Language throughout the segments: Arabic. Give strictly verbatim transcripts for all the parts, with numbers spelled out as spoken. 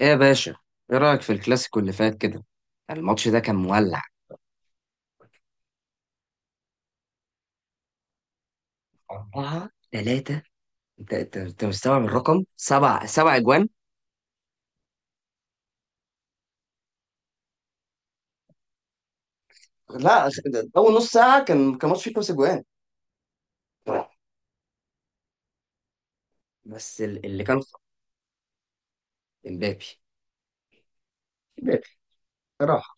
ايه يا باشا، ايه رايك في الكلاسيكو اللي فات كده؟ الماتش ده كان مولع. اربعة ثلاثة. انت انت أنت مستوعب الرقم سبع؟ سبع اجوان. لا، ده ده اول نص ساعه كان كان ماتش فيه خمس اجوان. بس ال- اللي كان. امبابي. امبابي صراحه.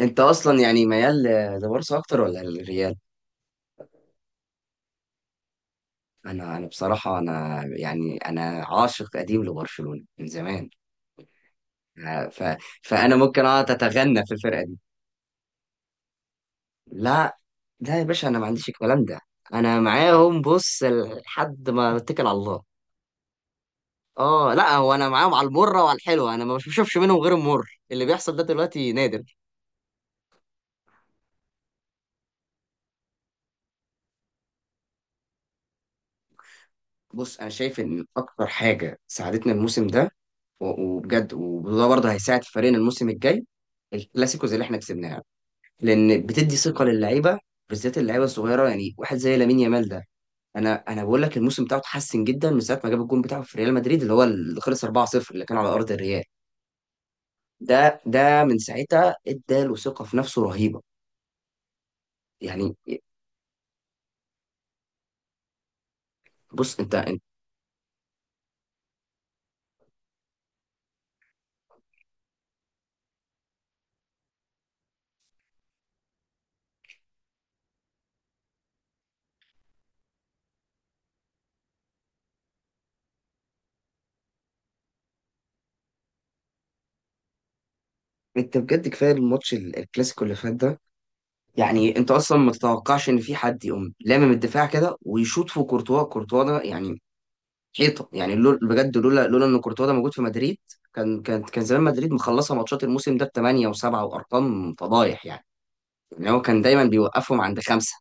انت اصلا يعني ميال ل- لبارسا اكتر ولا للريال؟ انا انا بصراحه، انا يعني انا عاشق قديم لبرشلونه من زمان. ف... فانا ممكن اقعد اتغنى في الفرقه دي. لا. لا يا باشا، انا ما عنديش الكلام ده. انا معاهم، بص، لحد ما اتكل على الله. اه، لا، هو انا معاهم على المره وعلى الحلوه، انا ما بشوفش منهم غير المر. اللي بيحصل ده دلوقتي نادر. بص، انا شايف ان اكتر حاجه ساعدتنا الموسم ده و- وبجد، وده برضه هيساعد فريقنا الموسم الجاي، الكلاسيكوز اللي احنا كسبناها، لان بتدي ثقه للعيبه، بالذات اللعيبه الصغيره، يعني واحد زي لامين يامال ده. انا انا بقول لك، الموسم بتاعه اتحسن جدا من ساعه ما جاب الجون بتاعه في ريال مدريد اللي هو اللي خلص اربعه صفر، اللي كان على ارض الريال. ده ده من ساعتها اداله ثقة في نفسه رهيبة، يعني. بص، انت انت انت بجد، كفاية الماتش ال- الكلاسيكو اللي فات ده. يعني انت اصلا ما تتوقعش ان في حد يقوم لامم الدفاع كده ويشوط في كورتوا. كورتوا ده يعني حيطة، يعني، لول. بجد، لولا لولا ان كورتوا ده موجود في مدريد، كان كان كان زمان مدريد مخلصة ماتشات الموسم ده بثمانية وسبعة وارقام فضايح، يعني ان هو كان دايما بيوقفهم عند خمسة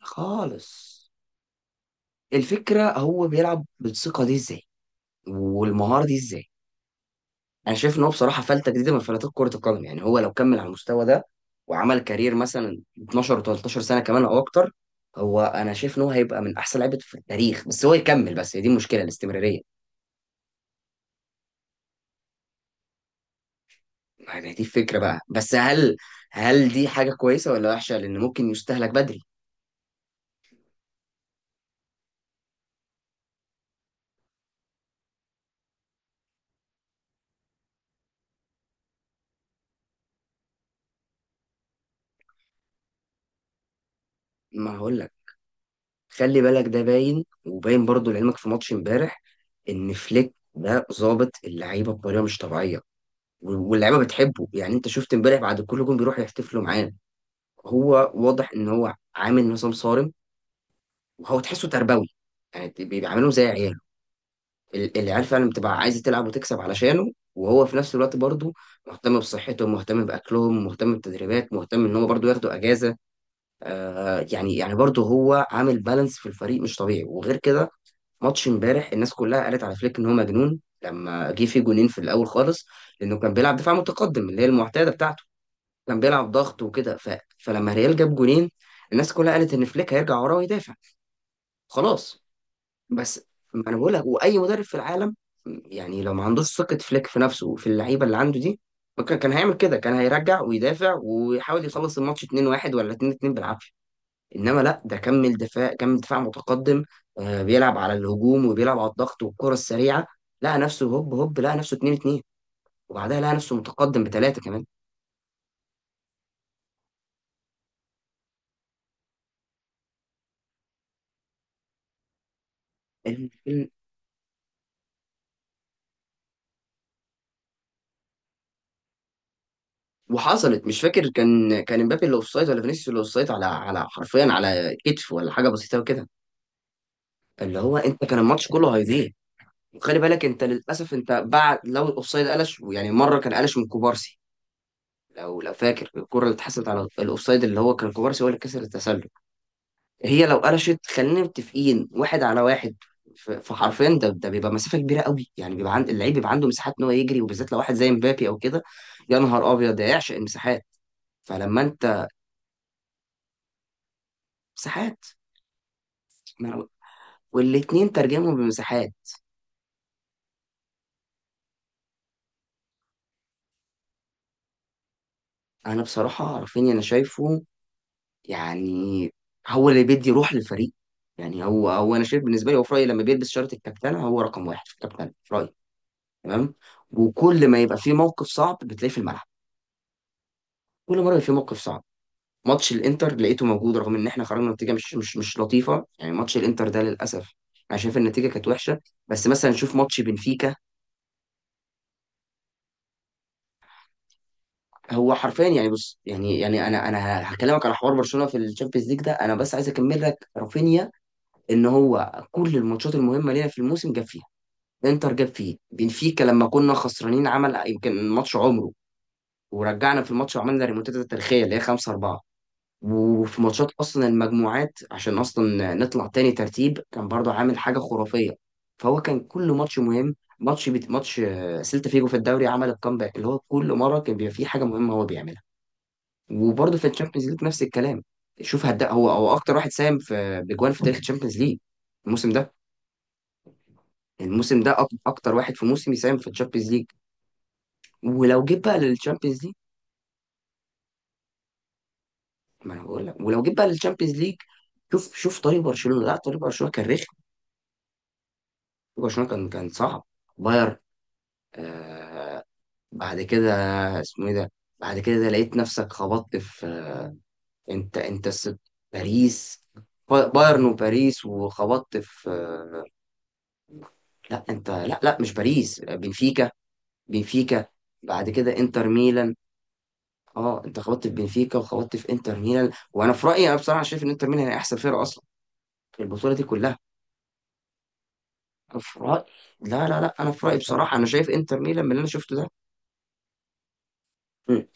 خالص. الفكرة، هو بيلعب بالثقة دي ازاي والمهارة دي ازاي؟ انا شايف ان هو بصراحه فلته جديده من فلاتات كره القدم، يعني هو لو كمل على المستوى ده وعمل كارير مثلا اتناشر وتلتاشر سنه كمان او اكتر، هو انا شايف ان هو هيبقى من احسن لعيبه في التاريخ. بس هو يكمل، بس هي دي المشكله، الاستمراريه. يعني دي الفكره بقى، بس هل هل دي حاجه كويسه ولا وحشه؟ لان ممكن يستهلك بدري. ما هقول لك، خلي بالك، ده باين وباين برضو لعلمك في ماتش امبارح ان فليك ده ظابط اللعيبه بطريقه مش طبيعيه، واللعيبه بتحبه، يعني انت شفت امبارح بعد كل جون بيروحوا يحتفلوا معاه. هو واضح ان هو عامل نظام صارم، وهو تحسه تربوي، يعني ت- بيبقى عاملهم زي عياله. ال- العيال فعلا بتبقى عايزه تلعب وتكسب علشانه، وهو في نفس الوقت برضه مهتم بصحتهم، مهتم باكلهم، مهتم بالتدريبات، مهتم ان هو برضه ياخدوا اجازه. آه يعني يعني برضه هو عامل بالانس في الفريق مش طبيعي. وغير كده، ماتش امبارح الناس كلها قالت على فليك ان هو مجنون لما جه فيه جونين في الاول خالص، لانه كان بيلعب دفاع متقدم اللي هي المعتاده بتاعته. كان بيلعب ضغط وكده، ف... فلما ريال جاب جونين الناس كلها قالت ان فليك هيرجع وراه ويدافع، خلاص. بس ما انا بقول لك، واي مدرب في العالم، يعني لو ما عندوش ثقة فليك في نفسه وفي اللعيبة اللي عنده دي، ما كان كان هيعمل كده. كان هيرجع ويدافع ويحاول يخلص الماتش اتنين واحد ولا اتنين اتنين بالعافية. انما لا، ده كمل دفاع، كمل دفاع متقدم. آه بيلعب على الهجوم وبيلعب على الضغط والكرة السريعة. لقى نفسه هوب هوب، لقى نفسه اتنين اتنين، وبعدها لقى نفسه متقدم بثلاثة كمان. وحصلت، مش فاكر، كان كان امبابي اللي اوفسايد ولا فينيسيوس اللي اوفسايد، على على حرفيا على كتف ولا حاجه بسيطه وكده، اللي هو انت كان الماتش كله هيضيع. وخلي بالك انت، للاسف، انت بعد لو الاوفسايد قلش، يعني مره كان قلش من كوبارسي، لو لو فاكر الكره اللي اتحسبت على الاوفسايد اللي هو كان كوبارسي هو اللي كسر التسلل. هي لو قلشت خلينا متفقين واحد على واحد، ف- فحرفيا ده ده بيبقى مسافه كبيره قوي، يعني بيبقى عند اللعيب، بيبقى عنده مساحات ان هو يجري، وبالذات لو واحد زي مبابي او كده. يا نهار ابيض، ده يعشق المساحات. فلما انت، مساحات. والاتنين ترجموا بمساحات. انا بصراحة رافينيا، انا شايفه، يعني، هو اللي بيدي روح للفريق. يعني هو هو انا شايف، بالنسبة لي، هو في رأيي لما بيلبس شارة الكابتنة هو رقم واحد في الكابتنة في رأيي. تمام. وكل ما يبقى فيه موقف صعب بتلاقيه في الملعب. كل مرة يبقى فيه موقف صعب. ماتش الانتر لقيته موجود رغم ان احنا خرجنا نتيجة مش مش مش لطيفة. يعني ماتش الانتر ده للأسف انا شايف النتيجة كانت وحشة، بس مثلا نشوف ماتش بنفيكا. هو حرفيا يعني، بص، يعني يعني انا انا هكلمك على حوار برشلونه في الشامبيونز ليج ده. انا بس عايز اكمل لك رافينيا، ان هو كل الماتشات المهمه لينا في الموسم جاب فيها. انتر جاب فيه، بنفيكا لما كنا خسرانين عمل يمكن ماتش عمره ورجعنا في الماتش وعملنا ريمونتادا تاريخيه اللي هي خمسه اربعه، وفي ماتشات اصلا المجموعات عشان اصلا نطلع تاني ترتيب كان برضه عامل حاجه خرافيه. فهو كان كل ماتش مهم، ماتش بت... ماتش آه، سيلتا فيجو في الدوري عمل الكامباك. اللي هو كل مره كان بيبقى فيه حاجه مهمه هو بيعملها، وبرضه في الشامبيونز ليج نفس الكلام. شوف، هدا هو هو اكتر واحد ساهم في بجوان في تاريخ الشامبيونز ليج الموسم ده. الموسم ده أك- اكتر واحد في موسم يساهم في الشامبيونز ليج. ولو جيت بقى للشامبيونز ليج، ما انا بقول لك، ولو جيت بقى للشامبيونز ليج، شوف شوف طريق برشلونه. لا، طريق برشلونه كان رخم. طريق برشلونه كان كان صعب. باير، آه، بعد كده اسمه ايه ده؟ بعد كده لقيت نفسك خبطت في آه انت انت الس- باريس. با- بايرن وباريس، وخبطت في آه، لا انت، لا، لا، مش باريس، بنفيكا. بنفيكا. بعد كده انتر ميلان. اه، انت خبطت في بنفيكا وخبطت في انتر ميلان. وانا في رايي، انا بصراحه شايف ان انتر ميلان هي احسن فرقه اصلا في البطوله دي كلها. انا في رايي، لا، لا، لا، انا في رايي بصراحه انا شايف انتر ميلان من اللي انا شفته ده. مم.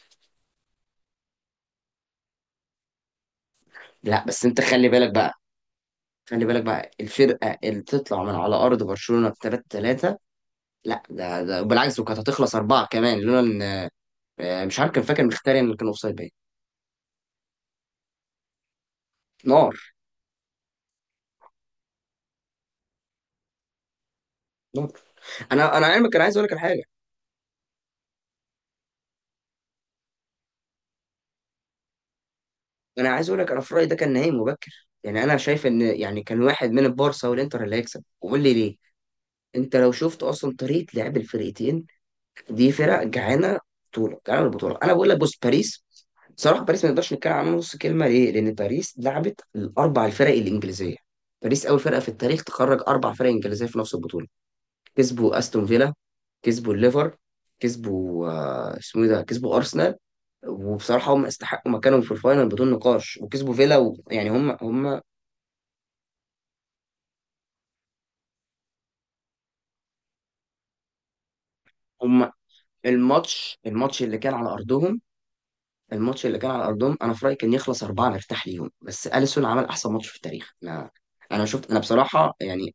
لا بس انت خلي بالك بقى، خلي بالك بقى الفرقه اللي تطلع من على ارض برشلونه ب تلاته تلاته! لا ده ده بالعكس، وكانت هتخلص اربعه كمان لولا ان آه، مش عارف، كان فاكر مختاري ان كان اوفسايد باين. نار. نار. انا انا علمك، انا عايز اقول لك على حاجه. انا عايز اقول لك، انا في رايي ده كان نهائي مبكر. يعني انا شايف ان، يعني، كان واحد من البارسا والانتر اللي هيكسب، وقول لي ليه. انت لو شفت اصلا طريقه لعب الفرقتين، دي فرق جعانه، بطوله جعانه البطوله. انا بقول لك بص، باريس، صراحه باريس ما نقدرش نتكلم عنها نص كلمه، ليه؟ لان باريس لعبت الاربع الفرق الانجليزيه. باريس اول فرقه في التاريخ تخرج اربع فرق انجليزيه في نفس البطوله. كسبوا استون فيلا، كسبوا الليفر، كسبوا آه، اسمه إيه ده؟ كسبوا ارسنال. وبصراحه هم استحقوا مكانهم في الفاينل بدون نقاش، وكسبوا فيلا و... يعني هم هم هم الماتش الماتش اللي كان على ارضهم، الماتش اللي كان على ارضهم انا في رايي كان يخلص اربعه نرتاح ليهم، بس اليسون عمل احسن ماتش في التاريخ. انا انا شفت، انا بصراحه يعني،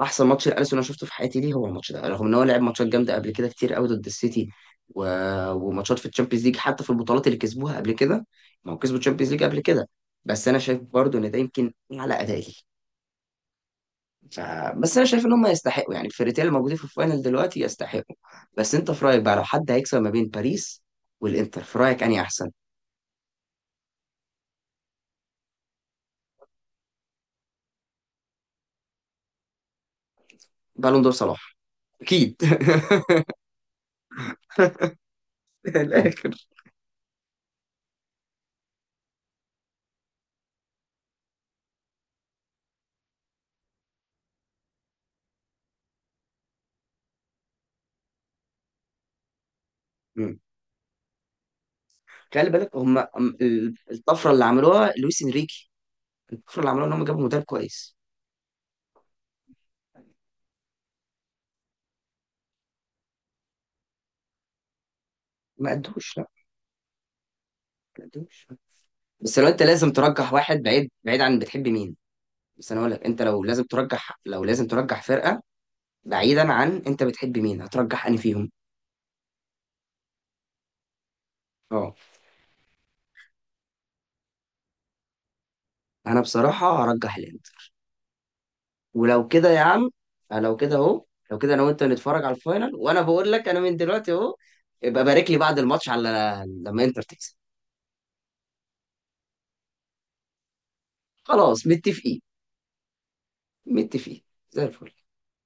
احسن ماتش لاليسون انا شفته في حياتي. ليه هو الماتش ده رغم ان هو لعب ماتشات جامده قبل كده كتير قوي ضد السيتي و... وماتشات في الشامبيونز ليج حتى في البطولات اللي كسبوها قبل كده. ما هو كسبوا الشامبيونز ليج قبل كده، بس انا شايف برضو ان ده يمكن على ادائي. ف... بس انا شايف ان هم يستحقوا، يعني الفرقتين اللي موجودين في الفاينل دلوقتي يستحقوا. بس انت في رايك بقى، لو حد هيكسب ما بين باريس والانتر، في رايك انهي احسن؟ بالون دور صلاح. اكيد. من الاخر. مم. خلي بالك، هم الطفره اللي عملوها لويس انريكي، الكفر اللي عملوه ان هم جابوا مدرب كويس. ما قدوش، لا. ما قدوش. بس لو انت لازم ترجح واحد بعيد بعيد عن بتحب مين. بس انا اقول لك، انت لو لازم ترجح، لو لازم ترجح فرقه بعيدا عن انت بتحب مين، هترجح انهي فيهم؟ اه. انا بصراحه هرجح الانتر. ولو كده يا عم، لو كده اهو. لو كده انا وانت نتفرج على الفاينل، وانا بقول لك انا من دلوقتي اهو، ابقى بارك لي بعد الماتش على لما انتر تكسب. خلاص، متفقين. متفقين. زي الفل.